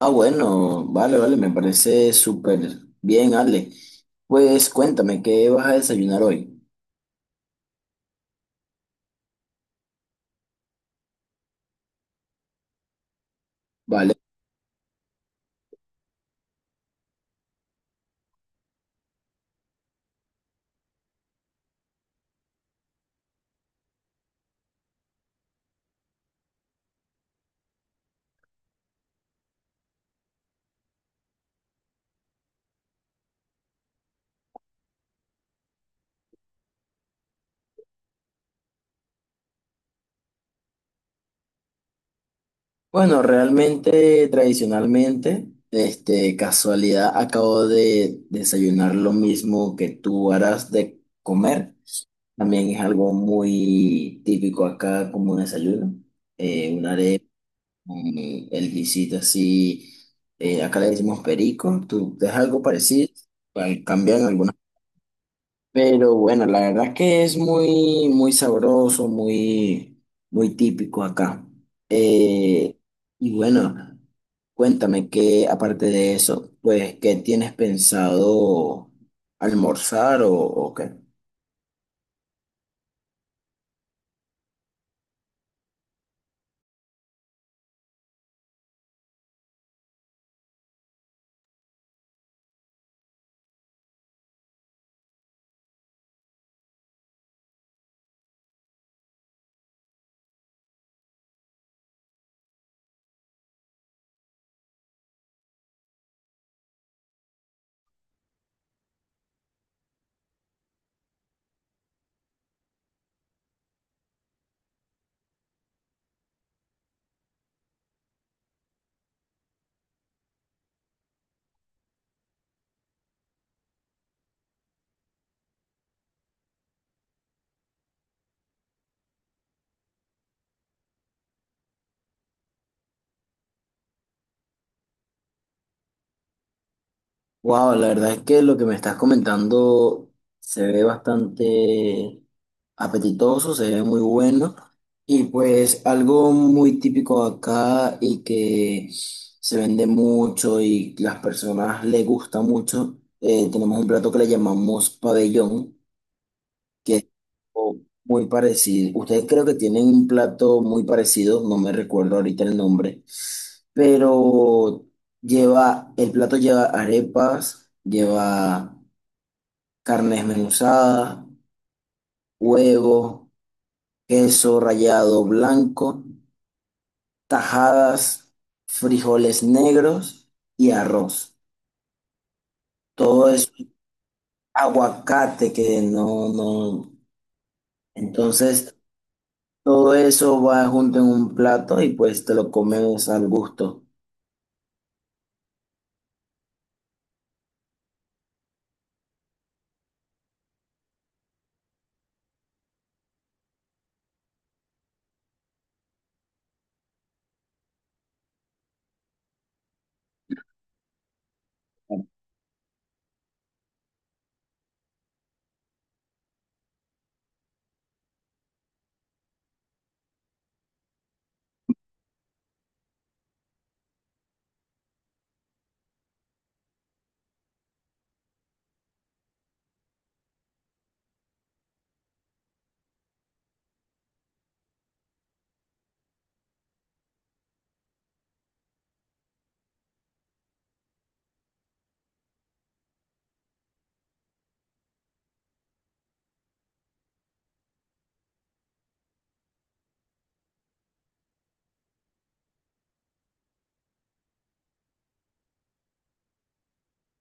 Ah, bueno, vale, vale, me parece súper bien, Ale. Pues cuéntame, ¿qué vas a desayunar hoy? Vale. Bueno, realmente, tradicionalmente, este, casualidad, acabo de desayunar lo mismo que tú harás de comer. También es algo muy típico acá como desayuno. Una arepa, con el guisito así, acá le decimos perico, tú, es algo parecido, cambian algunas. Pero bueno, la verdad es que es muy, muy sabroso, muy, muy típico acá. Eh, y bueno, cuéntame que aparte de eso, pues, ¿qué tienes pensado almorzar o qué? Wow, la verdad es que lo que me estás comentando se ve bastante apetitoso, se ve muy bueno y pues algo muy típico acá y que se vende mucho y las personas le gusta mucho. Tenemos un plato que le llamamos pabellón, que o muy parecido. Ustedes creo que tienen un plato muy parecido, no me recuerdo ahorita el nombre, pero el plato lleva arepas, lleva carne desmenuzada, huevo, queso rallado blanco, tajadas, frijoles negros y arroz. Todo eso, aguacate que no, no. Entonces, todo eso va junto en un plato y pues te lo comes al gusto.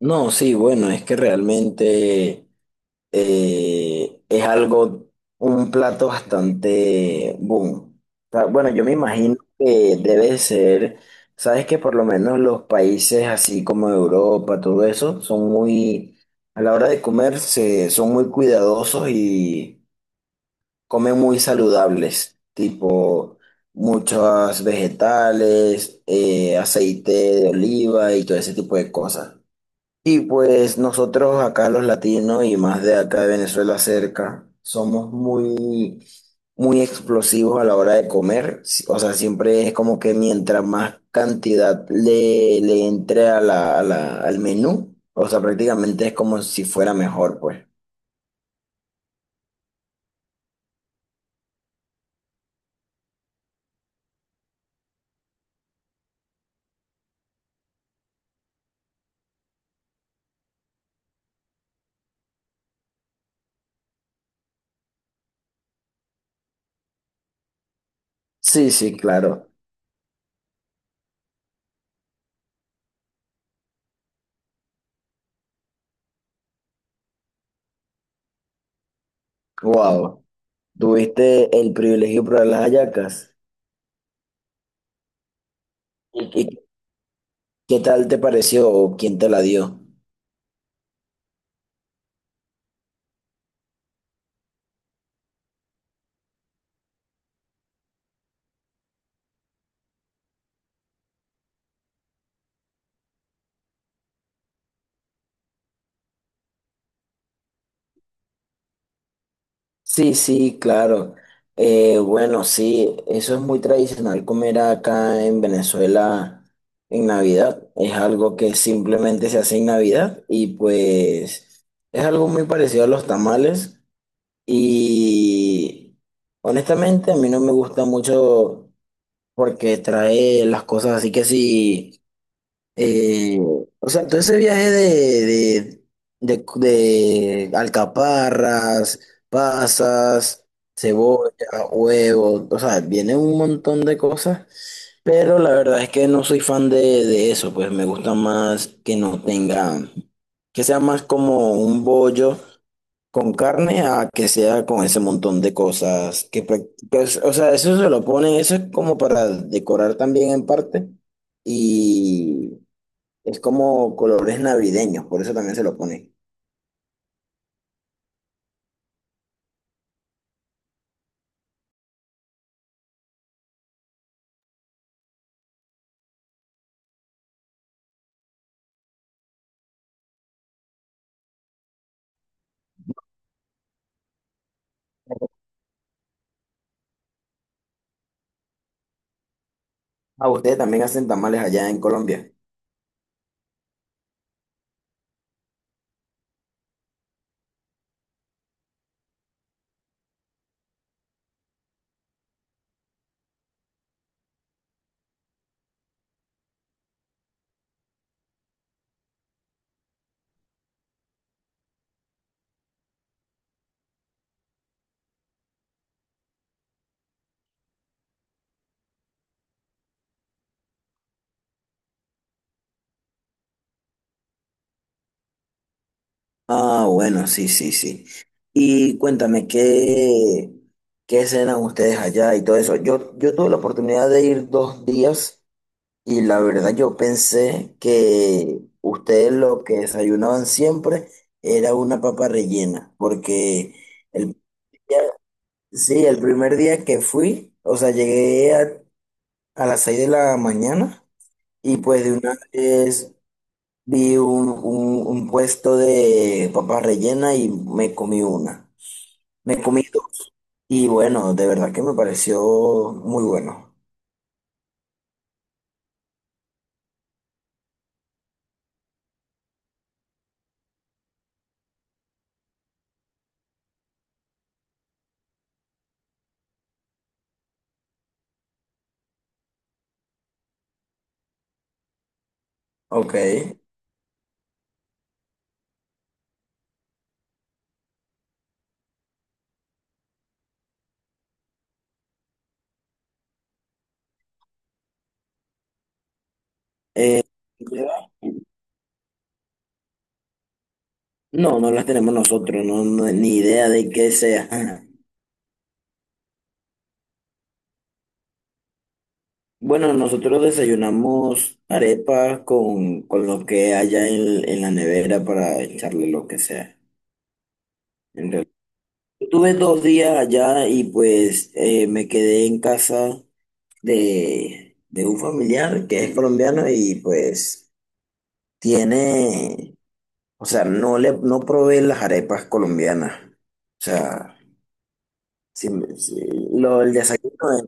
No, sí, bueno, es que realmente es algo, un plato bastante boom. O sea, bueno, yo me imagino que debe ser, sabes que por lo menos los países así como Europa, todo eso, son muy, a la hora de comer, son muy cuidadosos y comen muy saludables, tipo muchos vegetales, aceite de oliva y todo ese tipo de cosas. Y pues nosotros acá los latinos y más de acá de Venezuela cerca, somos muy, muy explosivos a la hora de comer. O sea, siempre es como que mientras más cantidad le entre a la, al menú, o sea, prácticamente es como si fuera mejor, pues. Sí, sí, claro. Wow. ¿Tuviste el privilegio de probar las hallacas? ¿Y qué tal te pareció o quién te la dio? Sí, sí, claro. Bueno, sí, eso es muy tradicional comer acá en Venezuela en Navidad. Es algo que simplemente se hace en Navidad y pues es algo muy parecido a los tamales. Y honestamente a mí no me gusta mucho porque trae las cosas así que sí. O sea, todo ese viaje de alcaparras, pasas, cebolla, huevos, o sea, viene un montón de cosas, pero la verdad es que no soy fan de eso, pues me gusta más que no tenga, que sea más como un bollo con carne a que sea con ese montón de cosas que, pues, o sea, eso se lo ponen, eso es como para decorar también en parte. Es como colores navideños, por eso también se lo ponen. Ah, ustedes también hacen tamales allá en Colombia. Ah, bueno, sí, sí, sí. Y cuéntame, ¿qué, cenan ustedes allá y todo eso? Yo tuve la oportunidad de ir 2 días y la verdad yo pensé que ustedes lo que desayunaban siempre era una papa rellena, porque el, sí, el primer día que fui, o sea, llegué a las 6 de la mañana. Y pues de una vez vi un puesto de papas rellenas y me comí una. Me comí dos. Y bueno, de verdad que me pareció muy bueno. Ok. No, no las tenemos nosotros, ni idea de qué sea. Bueno, nosotros desayunamos arepa con lo que haya en la nevera para echarle lo que sea. En realidad, tuve 2 días allá y pues me quedé en casa. De un familiar que es colombiano y pues tiene, o sea, no le no provee las arepas colombianas. O sea, si- si- el desayuno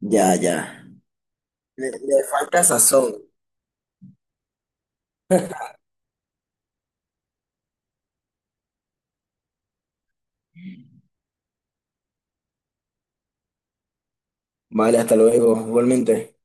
ya, ya. Le falta sazón. Vale, hasta luego, igualmente.